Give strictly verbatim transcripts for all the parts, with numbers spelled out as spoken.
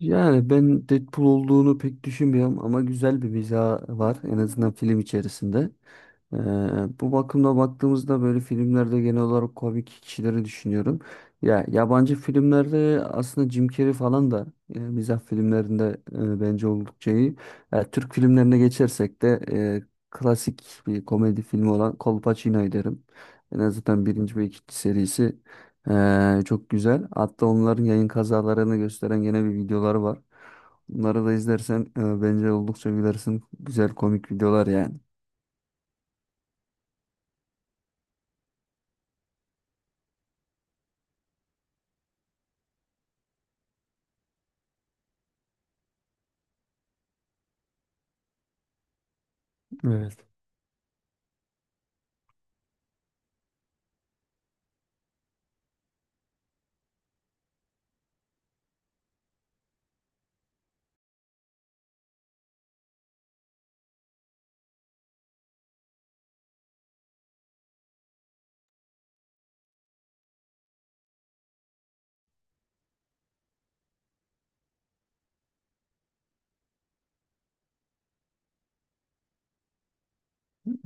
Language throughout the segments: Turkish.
Yani ben Deadpool olduğunu pek düşünmüyorum ama güzel bir mizah var en azından film içerisinde. Ee, Bu bakımda baktığımızda böyle filmlerde genel olarak komik kişileri düşünüyorum. Ya yabancı filmlerde aslında Jim Carrey falan da e, mizah filmlerinde e, bence oldukça iyi. Ya, Türk filmlerine geçersek de e, klasik bir komedi filmi olan Kolpaçino'yu derim. En azından birinci ve ikinci serisi e, çok güzel. Hatta onların yayın kazalarını gösteren gene bir videoları var. Bunları da izlersen e, bence oldukça gülersin. Güzel komik videolar yani. Evet.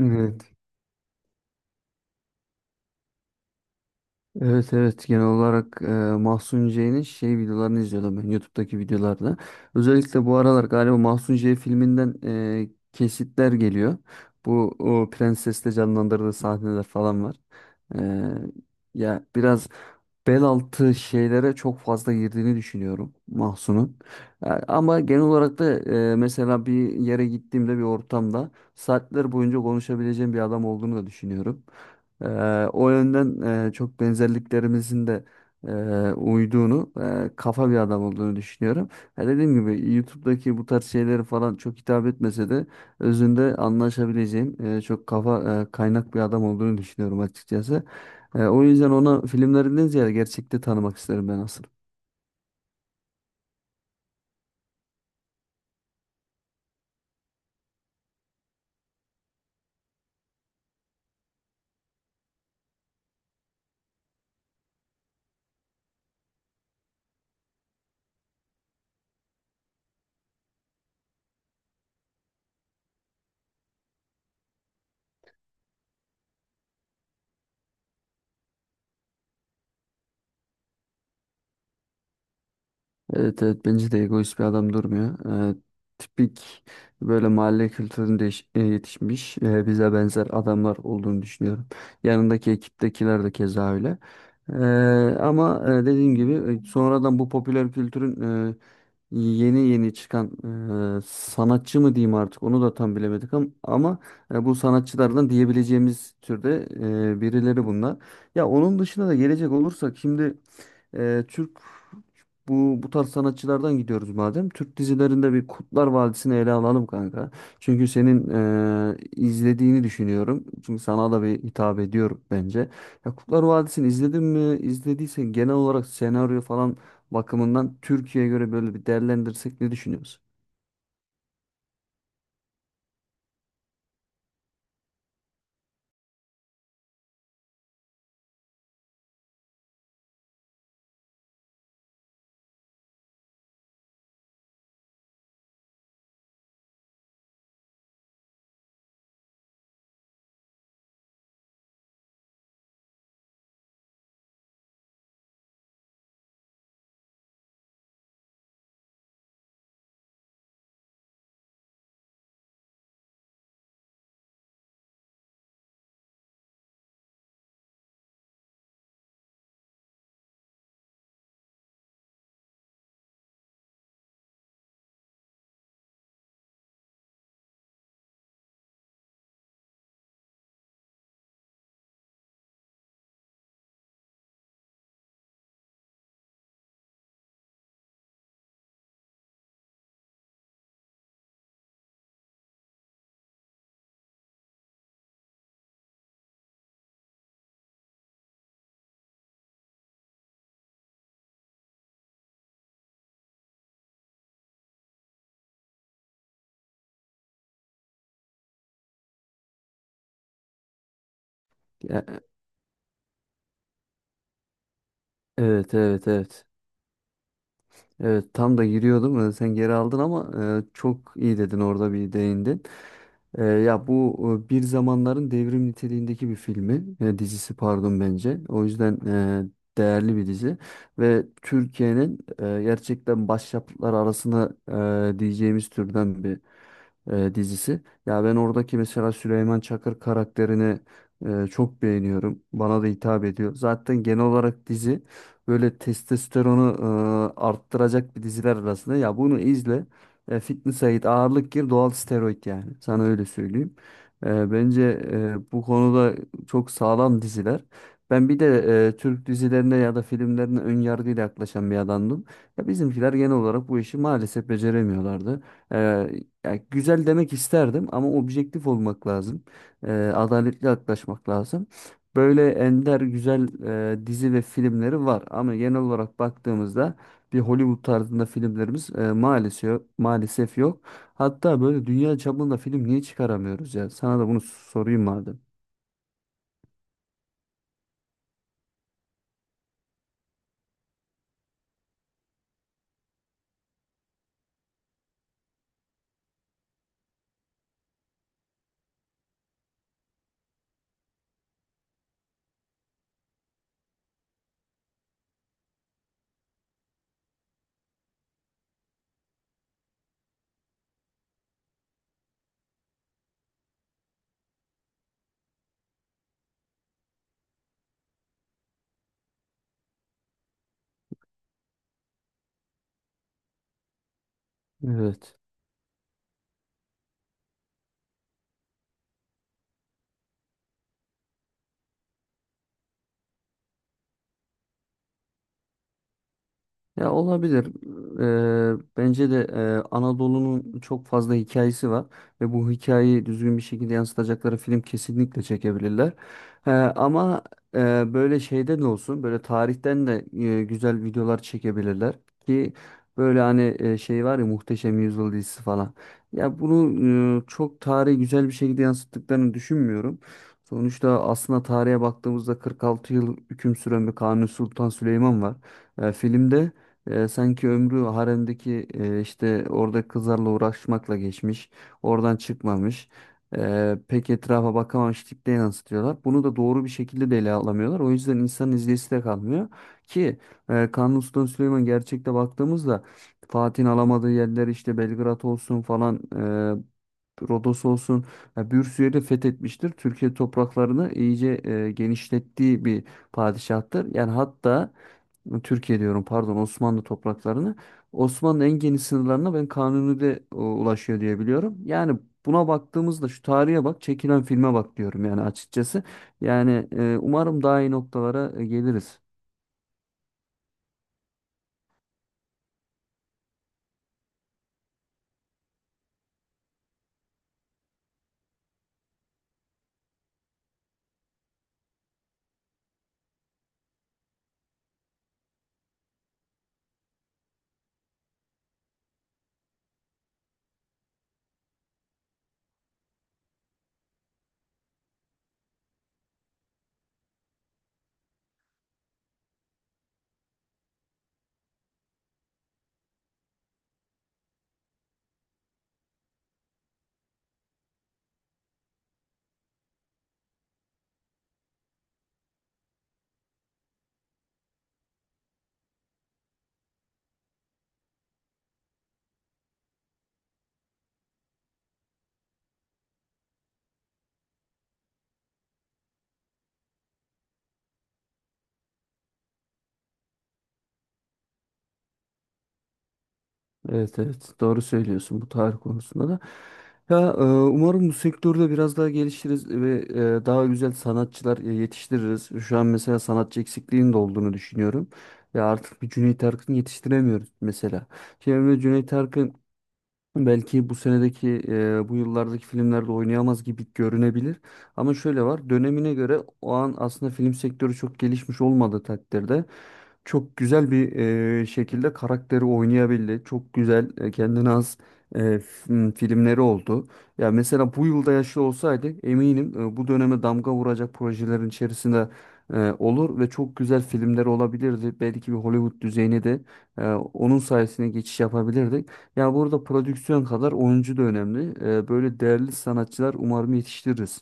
Evet. Evet evet genel olarak e, Mahsun C'nin şey videolarını izliyordum ben YouTube'daki videolarda. Özellikle bu aralar galiba Mahsun Ç filminden e, kesitler geliyor. Bu o prensesle canlandırdığı sahneler falan var. E, Ya biraz bel altı şeylere çok fazla girdiğini düşünüyorum Mahsun'un. E, Ama genel olarak da e, mesela bir yere gittiğimde bir ortamda saatler boyunca konuşabileceğim bir adam olduğunu da düşünüyorum. E, O yönden e, çok benzerliklerimizin de e, uyduğunu, e, kafa bir adam olduğunu düşünüyorum. Ya dediğim gibi YouTube'daki bu tarz şeyleri falan çok hitap etmese de özünde anlaşabileceğim e, çok kafa e, kaynak bir adam olduğunu düşünüyorum açıkçası. E, o yüzden ona filmlerinden ziyade gerçekte tanımak isterim ben aslında. Evet evet bence de egoist bir adam durmuyor. Ee, Tipik böyle mahalle kültüründe yetiş- e, yetişmiş e, bize benzer adamlar olduğunu düşünüyorum. Yanındaki ekiptekiler de keza öyle. Ee, Ama e, dediğim gibi e, sonradan bu popüler kültürün e, yeni yeni çıkan e, sanatçı mı diyeyim artık onu da tam bilemedik ama, ama e, bu sanatçılardan diyebileceğimiz türde e, birileri bunlar. Ya onun dışında da gelecek olursak şimdi e, Türk bu, bu tarz sanatçılardan gidiyoruz madem. Türk dizilerinde bir Kurtlar Vadisi'ni ele alalım kanka. Çünkü senin eee, izlediğini düşünüyorum. Çünkü sana da bir hitap ediyorum bence. Ya Kurtlar Vadisi'ni izledin mi? İzlediysen genel olarak senaryo falan bakımından Türkiye'ye göre böyle bir değerlendirsek ne düşünüyorsun? Ya, evet evet evet. Evet tam da giriyordum. Ee, Sen geri aldın ama e, çok iyi dedin orada bir değindin. Ee, ya bu e, bir zamanların devrim niteliğindeki bir filmi, e, dizisi pardon bence. O yüzden e, değerli bir dizi ve Türkiye'nin e, gerçekten başyapıtları arasında e, diyeceğimiz türden bir e, dizisi. Ya ben oradaki mesela Süleyman Çakır karakterini e, çok beğeniyorum. Bana da hitap ediyor. Zaten genel olarak dizi böyle testosteronu e, arttıracak bir diziler arasında. Ya bunu izle. E, fitness'a git, ağırlık gir, doğal steroid yani. Sana öyle söyleyeyim. E, bence e, bu konuda çok sağlam diziler. Ben bir de e, Türk dizilerine ya da filmlerine ön yargıyla yaklaşan bir adamdım. Ya bizimkiler genel olarak bu işi maalesef beceremiyorlardı. E, Ya güzel demek isterdim ama objektif olmak lazım. E, adaletli yaklaşmak lazım. Böyle ender güzel e, dizi ve filmleri var ama genel olarak baktığımızda bir Hollywood tarzında filmlerimiz e, maalesef maalesef yok. Hatta böyle dünya çapında film niye çıkaramıyoruz ya? Sana da bunu sorayım madem. Evet. Ya olabilir. Eee, bence de eee, Anadolu'nun çok fazla hikayesi var ve bu hikayeyi düzgün bir şekilde yansıtacakları film kesinlikle çekebilirler. Eee, ama eee, böyle şeyden de olsun, böyle tarihten de eee, güzel videolar çekebilirler ki böyle hani eee, şey var ya Muhteşem Yüzyıl dizisi falan. Ya bunu eee, çok tarihi güzel bir şekilde yansıttıklarını düşünmüyorum. Sonuçta aslında tarihe baktığımızda kırk altı yıl hüküm süren bir Kanuni Sultan Süleyman var. E, filmde e, sanki ömrü haremdeki e, işte orada kızlarla uğraşmakla geçmiş. Oradan çıkmamış. E, pek etrafa bakamamış tipte yansıtıyorlar. Bunu da doğru bir şekilde de ele alamıyorlar. O yüzden insanın izleyisi de kalmıyor. Ki e, Kanuni Sultan Süleyman gerçekte baktığımızda Fatih'in alamadığı yerler işte Belgrad olsun falan Rodos olsun ya bir sürü yeri fethetmiştir. Türkiye topraklarını iyice e, genişlettiği bir padişahtır. Yani hatta e, Türkiye diyorum pardon Osmanlı topraklarını Osmanlı en geniş sınırlarına ben Kanuni'de e, ulaşıyor diye biliyorum. Yani buna baktığımızda şu tarihe bak çekilen filme bak diyorum yani açıkçası. Yani e, umarım daha iyi noktalara e, geliriz. Evet evet doğru söylüyorsun bu tarih konusunda da. Ya e, umarım bu sektörde biraz daha gelişiriz ve e, daha güzel sanatçılar e, yetiştiririz. Şu an mesela sanatçı eksikliğinin de olduğunu düşünüyorum. Ve artık bir Cüneyt Arkın yetiştiremiyoruz mesela. Şimdi Cüneyt Arkın belki bu senedeki e, bu yıllardaki filmlerde oynayamaz gibi görünebilir. Ama şöyle var dönemine göre o an aslında film sektörü çok gelişmiş olmadığı takdirde çok güzel bir e, şekilde karakteri oynayabildi. Çok güzel e, kendine has e, film- filmleri oldu. Ya mesela bu yılda yaşlı olsaydı eminim e, bu döneme damga vuracak projelerin içerisinde e, olur ve çok güzel filmler olabilirdi. Belki bir Hollywood düzeyine de e, onun sayesinde geçiş yapabilirdik. Ya burada prodüksiyon kadar oyuncu da önemli. E, böyle değerli sanatçılar umarım yetiştiririz.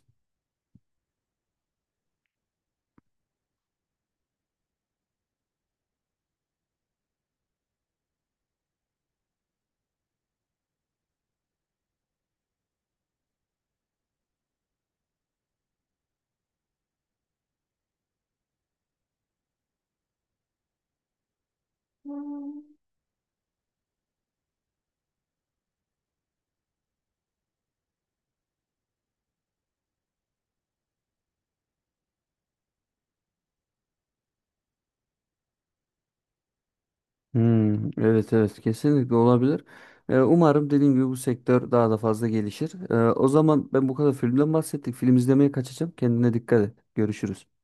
Hmm, evet evet kesinlikle olabilir. Ee, umarım dediğim gibi bu sektör daha da fazla gelişir. Ee, o zaman ben bu kadar filmden bahsettik. Film izlemeye kaçacağım. Kendine dikkat et. Görüşürüz.